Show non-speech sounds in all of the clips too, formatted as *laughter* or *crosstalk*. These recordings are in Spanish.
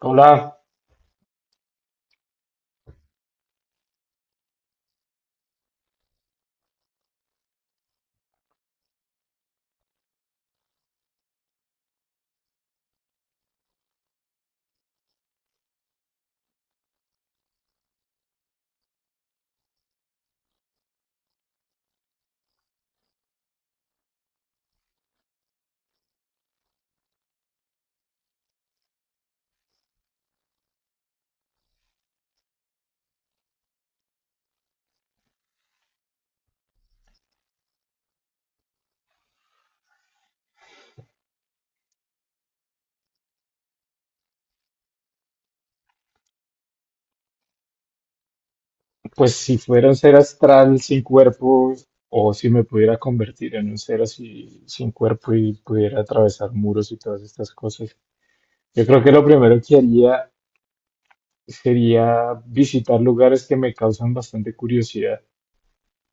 Hola, pues si fuera un ser astral sin cuerpo, o si me pudiera convertir en un ser así sin cuerpo y pudiera atravesar muros y todas estas cosas, yo creo que lo primero que haría sería visitar lugares que me causan bastante curiosidad,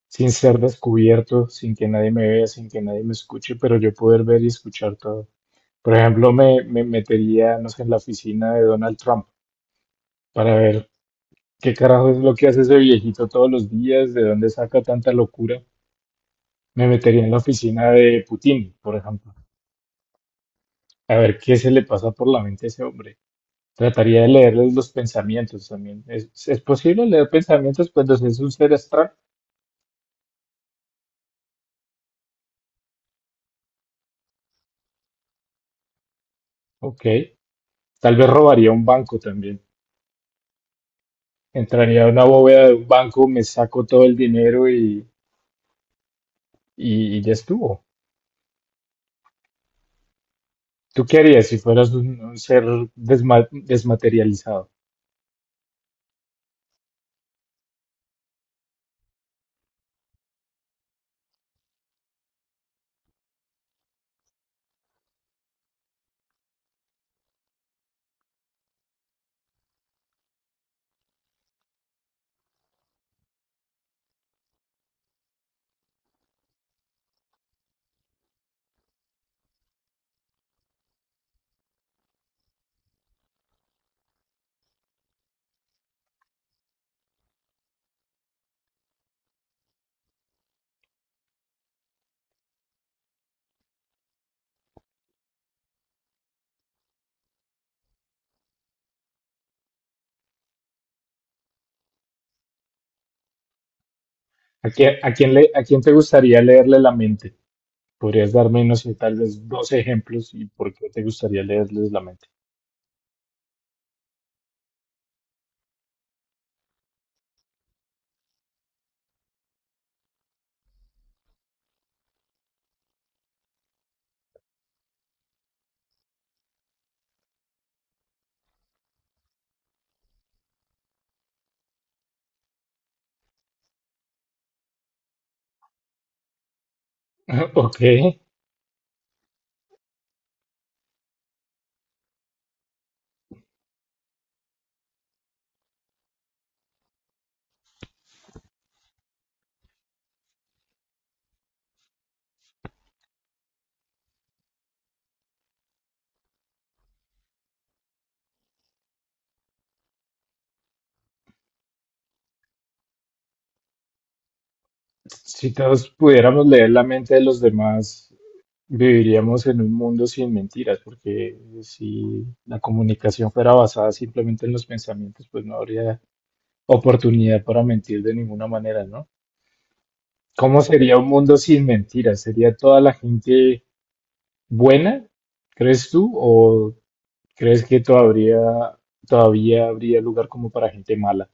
sin ser descubierto, sin que nadie me vea, sin que nadie me escuche, pero yo poder ver y escuchar todo. Por ejemplo, me metería, no sé, en la oficina de Donald Trump para ver ¿qué carajo es lo que hace ese viejito todos los días? ¿De dónde saca tanta locura? Me metería en la oficina de Putin, por ejemplo. A ver qué se le pasa por la mente a ese hombre. Trataría de leerles los pensamientos también. ¿Es posible leer pensamientos cuando se es un ser astral? Ok. Tal vez robaría un banco también. Entraría a una bóveda de un banco, me saco todo el dinero y, y ya estuvo. ¿Tú qué harías si fueras un ser desmaterializado? A quién le, a quién te gustaría leerle la mente? ¿Podrías darme, no sé, tal vez dos ejemplos y por qué te gustaría leerles la mente? *laughs* Ok, si todos pudiéramos leer la mente de los demás, viviríamos en un mundo sin mentiras, porque si la comunicación fuera basada simplemente en los pensamientos, pues no habría oportunidad para mentir de ninguna manera, ¿no? ¿Cómo sería un mundo sin mentiras? ¿Sería toda la gente buena, crees tú, o crees que todavía, todavía habría lugar como para gente mala?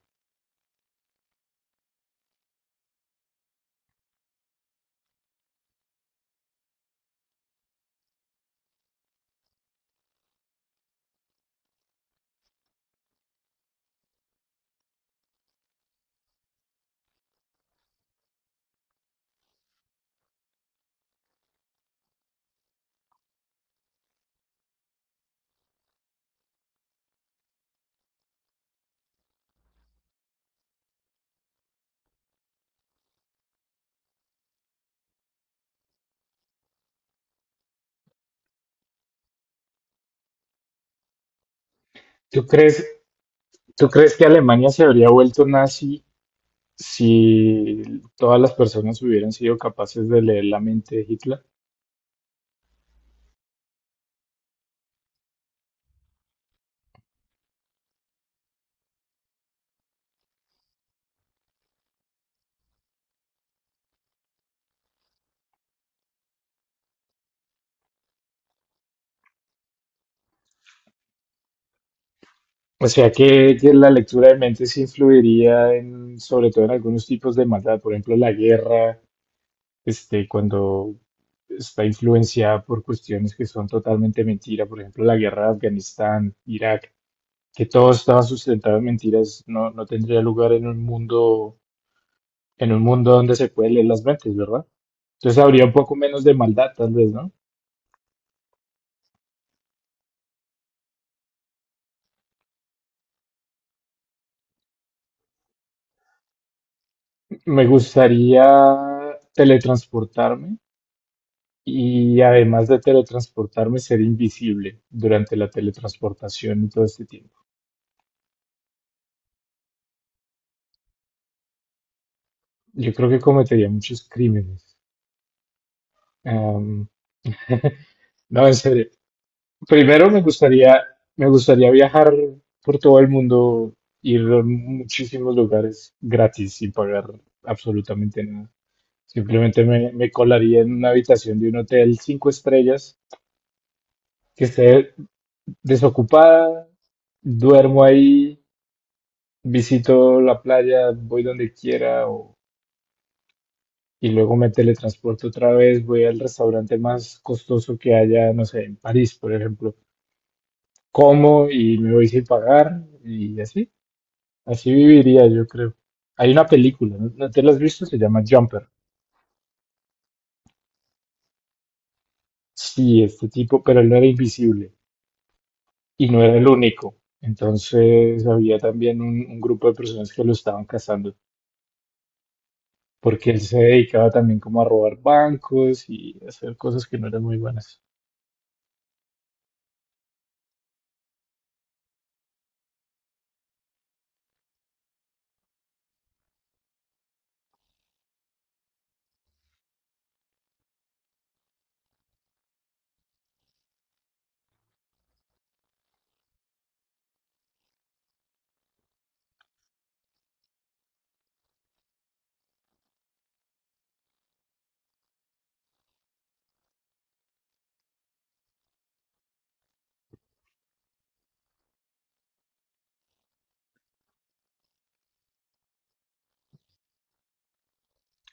¿Tú crees ¿Tú crees que Alemania se habría vuelto nazi si todas las personas hubieran sido capaces de leer la mente de Hitler? O sea que la lectura de mentes influiría en, sobre todo en algunos tipos de maldad, por ejemplo, la guerra, este, cuando está influenciada por cuestiones que son totalmente mentira, por ejemplo, la guerra de Afganistán, Irak, que todo estaba sustentado en mentiras, no, no tendría lugar en un mundo donde se puede leer las mentes, ¿verdad? Entonces habría un poco menos de maldad, tal vez, ¿no? Me gustaría teletransportarme y además de teletransportarme, ser invisible durante la teletransportación y todo este tiempo. Yo creo que cometería muchos crímenes. Am, *laughs* no, en serio. Primero me gustaría, me gustaría viajar por todo el mundo, ir a muchísimos lugares gratis sin pagar absolutamente nada. Simplemente me colaría en una habitación de un hotel cinco estrellas que esté desocupada, duermo ahí, visito la playa, voy donde quiera y luego me teletransporto otra vez, voy al restaurante más costoso que haya, no sé, en París, por ejemplo, como y me voy sin pagar y así, así viviría yo creo. Hay una película, ¿no te la has visto? Se llama Jumper. Sí, este tipo, pero él no era invisible. Y no era el único. Entonces había también un grupo de personas que lo estaban cazando, porque él se dedicaba también como a robar bancos y a hacer cosas que no eran muy buenas.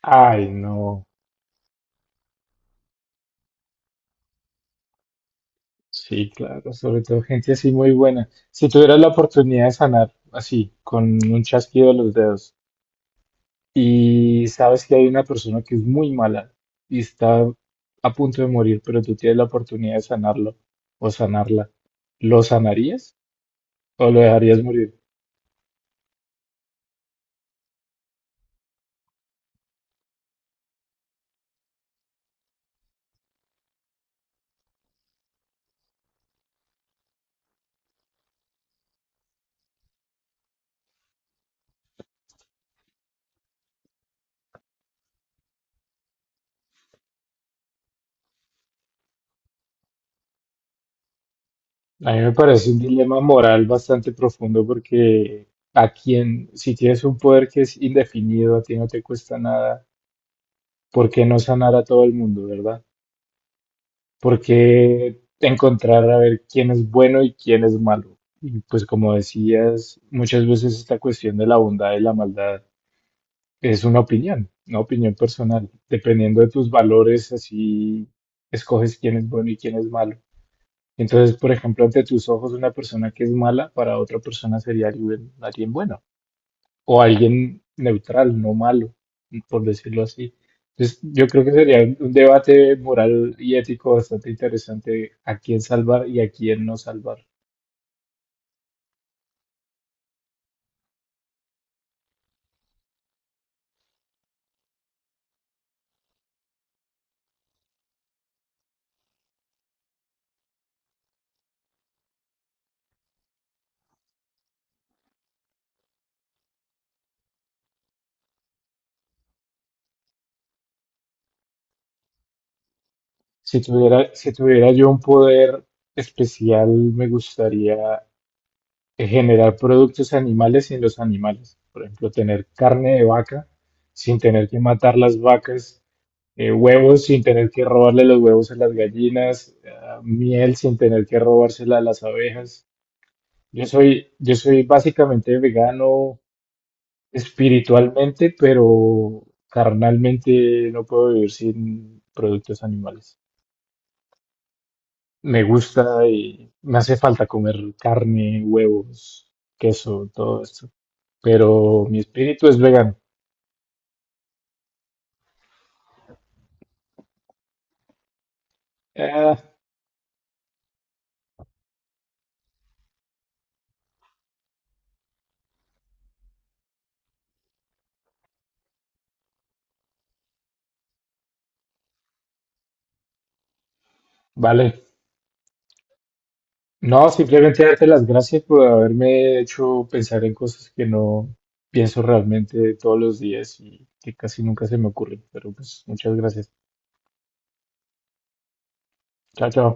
Ay, no. Sí, claro, sobre todo gente así muy buena. Si tuvieras la oportunidad de sanar así, con un chasquido de los dedos, y sabes que hay una persona que es muy mala y está a punto de morir, pero tú tienes la oportunidad de sanarlo o sanarla, ¿lo sanarías o lo dejarías morir? A mí me parece un dilema moral bastante profundo porque a quien, si tienes un poder que es indefinido, a ti no te cuesta nada, ¿por qué no sanar a todo el mundo, verdad? ¿Por qué encontrar a ver quién es bueno y quién es malo? Y pues como decías, muchas veces esta cuestión de la bondad y la maldad es una opinión personal. Dependiendo de tus valores, así escoges quién es bueno y quién es malo. Entonces, por ejemplo, ante tus ojos una persona que es mala para otra persona sería alguien, alguien bueno o alguien neutral, no malo, por decirlo así. Entonces, yo creo que sería un debate moral y ético bastante interesante a quién salvar y a quién no salvar. Si tuviera yo un poder especial, me gustaría generar productos animales sin los animales. Por ejemplo, tener carne de vaca sin tener que matar las vacas huevos sin tener que robarle los huevos a las gallinas, ah, miel sin tener que robársela a las abejas. Yo soy básicamente vegano espiritualmente, pero carnalmente no puedo vivir sin productos animales. Me gusta y me hace falta comer carne, huevos, queso, todo esto. Pero mi espíritu es vegano. Ah, vale. No, simplemente darte las gracias por haberme hecho pensar en cosas que no pienso realmente todos los días y que casi nunca se me ocurren. Pero pues muchas gracias. Chao, chao.